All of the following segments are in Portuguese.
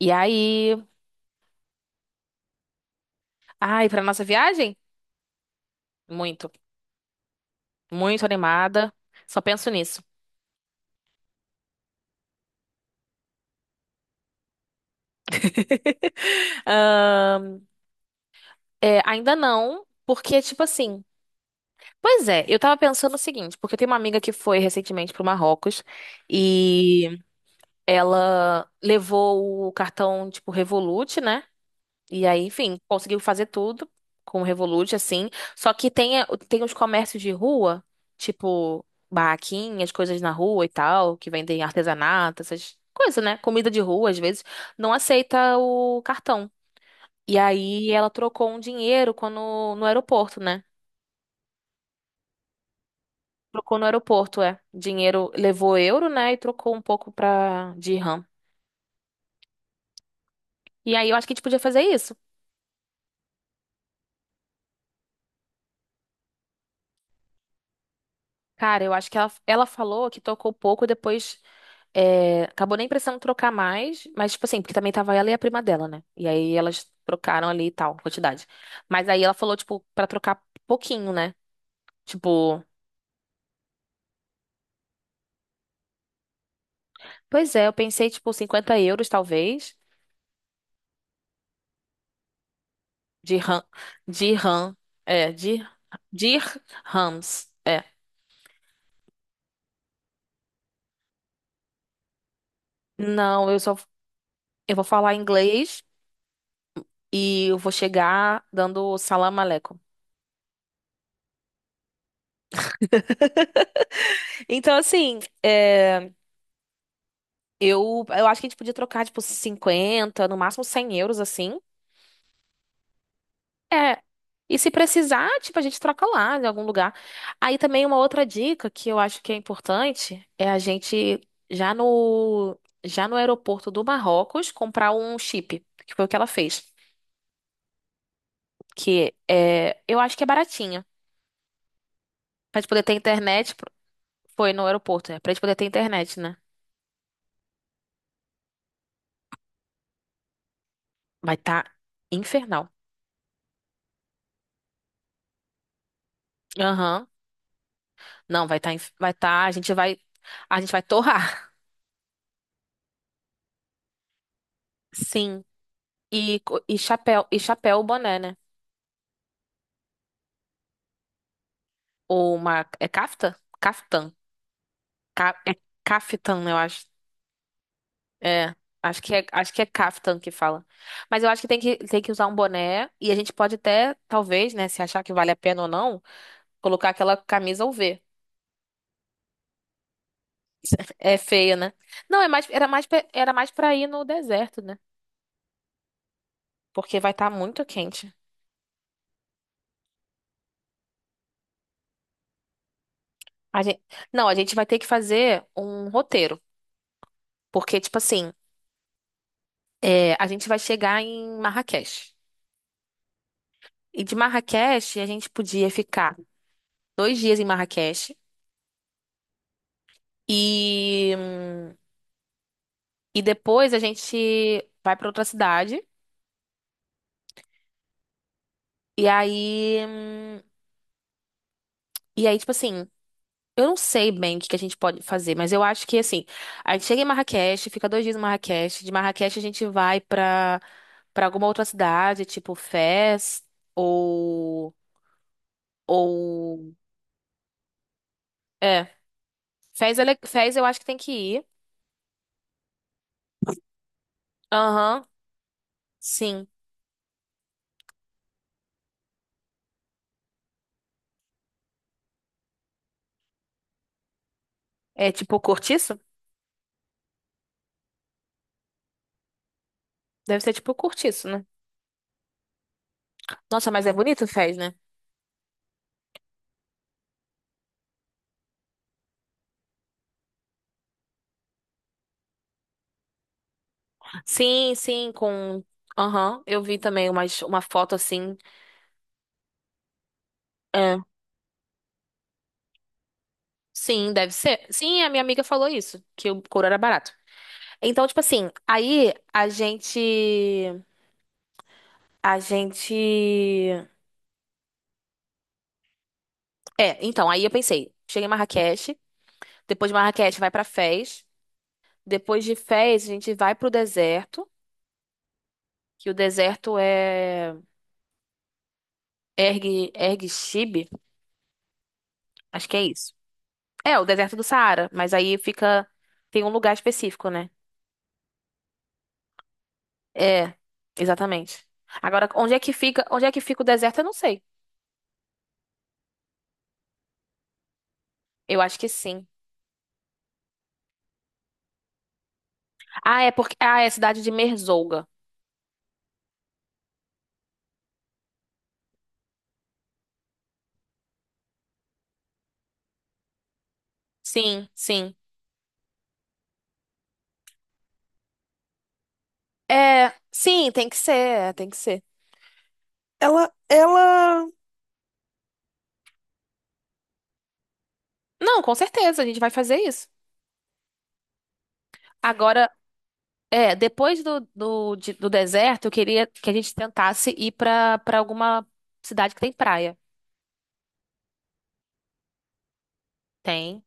E aí, ai, pra nossa viagem? Muito, muito animada. Só penso nisso. Ahn, é, ainda não, porque, tipo assim. Pois é, eu tava pensando o seguinte, porque eu tenho uma amiga que foi recentemente pro Marrocos e ela levou o cartão, tipo, Revolut, né? E aí, enfim, conseguiu fazer tudo com o Revolut, assim. Só que tem, tem os comércios de rua, tipo barraquinhas, coisas na rua e tal, que vendem artesanato, essas coisas, né? Comida de rua, às vezes, não aceita o cartão. E aí ela trocou um dinheiro quando, no aeroporto, né? Trocou no aeroporto, é. Dinheiro levou euro, né? E trocou um pouco pra de RAM. E aí eu acho que a gente podia fazer isso. Cara, eu acho que ela falou que tocou pouco depois. É, acabou nem precisando trocar mais, mas, tipo assim, porque também tava ela e a prima dela, né? E aí elas trocaram ali e tal, quantidade. Mas aí ela falou, tipo, pra trocar pouquinho, né? Tipo, pois é, eu pensei, tipo, 50 euros, talvez, de RAM, de RAM, é, de rams, é. Não, eu só, eu vou falar inglês e eu vou chegar dando salam aleikum. Então, assim, é, eu acho que a gente podia trocar, tipo, 50, no máximo 100 euros, assim. É. E se precisar, tipo, a gente troca lá em algum lugar. Aí também uma outra dica que eu acho que é importante é a gente já no já no aeroporto do Marrocos comprar um chip, que foi o que ela fez, que é, eu acho que é baratinho. Pra gente poder ter internet, foi no aeroporto, né? Pra gente poder ter internet, né? Vai tá infernal. Aham. Não, vai tá, a gente vai torrar. Sim. E, e chapéu, boné, né? Ou uma. É Kafta? Kaftan. É Kaftan, eu acho. É. Acho que é Kaftan que fala. Mas eu acho que tem que usar um boné. E a gente pode até, talvez, né, se achar que vale a pena ou não, colocar aquela camisa UV. É feia, né? Não, é mais, era mais, era mais pra ir no deserto, né? Porque vai estar muito quente. A gente, não, a gente vai ter que fazer um roteiro. Porque, tipo assim, é, a gente vai chegar em Marrakech. E de Marrakech, a gente podia ficar 2 dias em Marrakech. E, e depois a gente vai pra outra cidade. E aí, hum, e aí, tipo assim, eu não sei bem o que que a gente pode fazer, mas eu acho que assim, a gente chega em Marrakech, fica 2 dias em Marrakech, de Marrakech a gente vai pra para alguma outra cidade, tipo Fez ou ou é, Fez, é Fez eu acho que tem que ir. Aham, sim. É tipo cortiço? Deve ser tipo cortiço, né? Nossa, mas é bonito Fez, né? Sim, sim, com. Aham, eu vi também umas, uma foto assim. É. Sim, deve ser. Sim, a minha amiga falou isso, que o couro era barato. Então, tipo assim, aí a gente. A gente. É, então, aí eu pensei, chega em Marrakech, depois de Marrakech vai pra Fez, depois de Fez a gente vai pro deserto, que o deserto é Erg Chib, acho que é isso. É, o deserto do Saara, mas aí fica. Tem um lugar específico, né? É, exatamente. Agora, onde é que fica, onde é que fica o deserto? Eu não sei. Eu acho que sim. Ah, é porque é a cidade de Merzouga. Sim, sim. É, sim, tem que ser, é, tem que ser. Ela, ela. Não, com certeza, a gente vai fazer isso. Agora, é, depois do deserto, eu queria que a gente tentasse ir pra para alguma cidade que tem praia. Tem?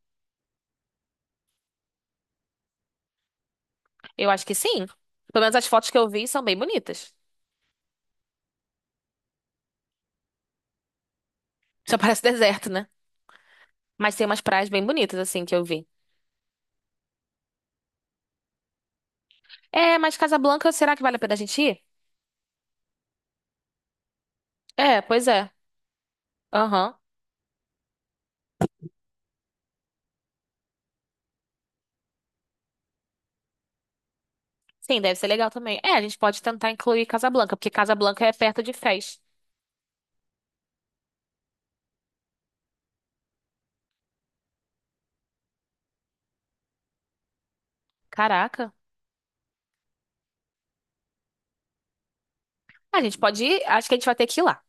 Eu acho que sim. Pelo menos as fotos que eu vi são bem bonitas. Só parece deserto, né? Mas tem umas praias bem bonitas, assim, que eu vi. É, mas Casablanca, será que vale a pena a gente ir? É, pois é. Aham. Sim, deve ser legal também. É, a gente pode tentar incluir Casablanca, porque Casablanca é perto de Fez. Caraca. A gente pode ir? Acho que a gente vai ter que ir lá.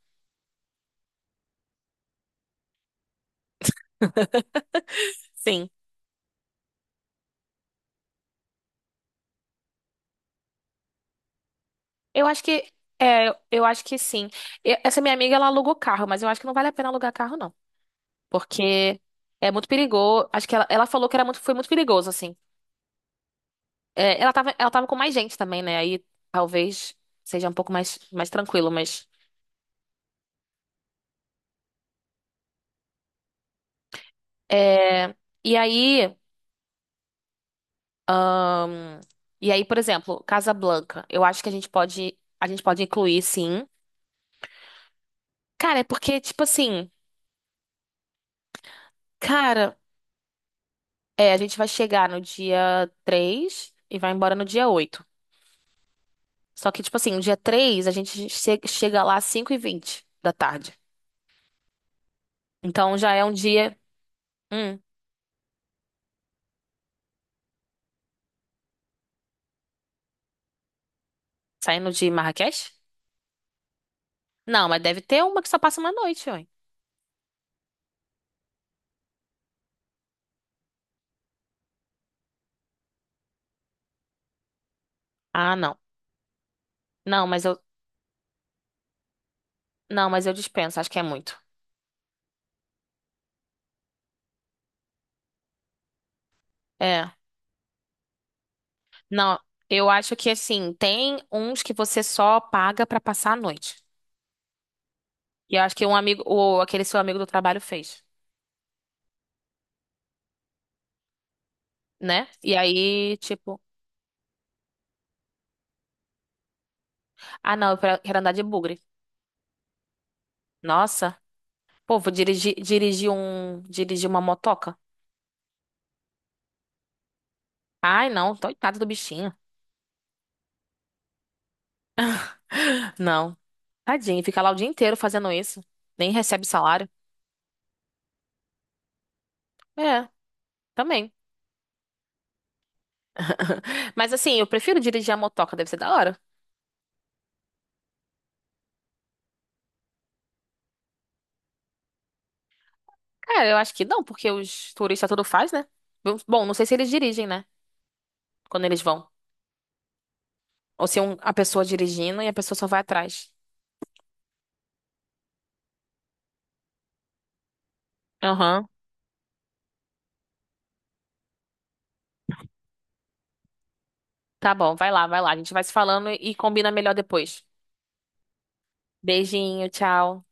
Sim. Eu acho que. É, eu acho que sim. Essa minha amiga, ela alugou carro, mas eu acho que não vale a pena alugar carro, não. Porque é muito perigoso. Acho que ela falou que era muito, foi muito perigoso, assim. É, ela tava com mais gente também, né? Aí talvez seja um pouco mais tranquilo, mas. É, e aí. Ahn, e aí, por exemplo, Casablanca. Eu acho que a gente pode incluir, sim. Cara, é porque, tipo assim, cara, é, a gente vai chegar no dia 3 e vai embora no dia 8. Só que, tipo assim, no dia 3 a gente chega lá às 5h20 da tarde. Então já é um dia. Hum, saindo de Marrakech? Não, mas deve ter uma que só passa uma noite, ué. Ah, não. Não, mas eu. Não, mas eu dispenso, acho que é muito. É. Não, eu acho que assim, tem uns que você só paga pra passar a noite. E eu acho que um amigo, ou aquele seu amigo do trabalho fez, né? E aí, tipo, ah, não, eu quero andar de bugre. Nossa, pô, vou dirigir uma motoca. Ai, não, coitado do bichinho. Não. Tadinho, fica lá o dia inteiro fazendo isso. Nem recebe salário. É, também. Mas assim, eu prefiro dirigir a motoca, deve ser da hora. Cara, eu acho que não, porque os turistas tudo faz, né? Bom, não sei se eles dirigem, né? Quando eles vão. Ou se a pessoa dirigindo e a pessoa só vai atrás. Aham. Tá bom, vai lá, vai lá. A gente vai se falando e combina melhor depois. Beijinho, tchau.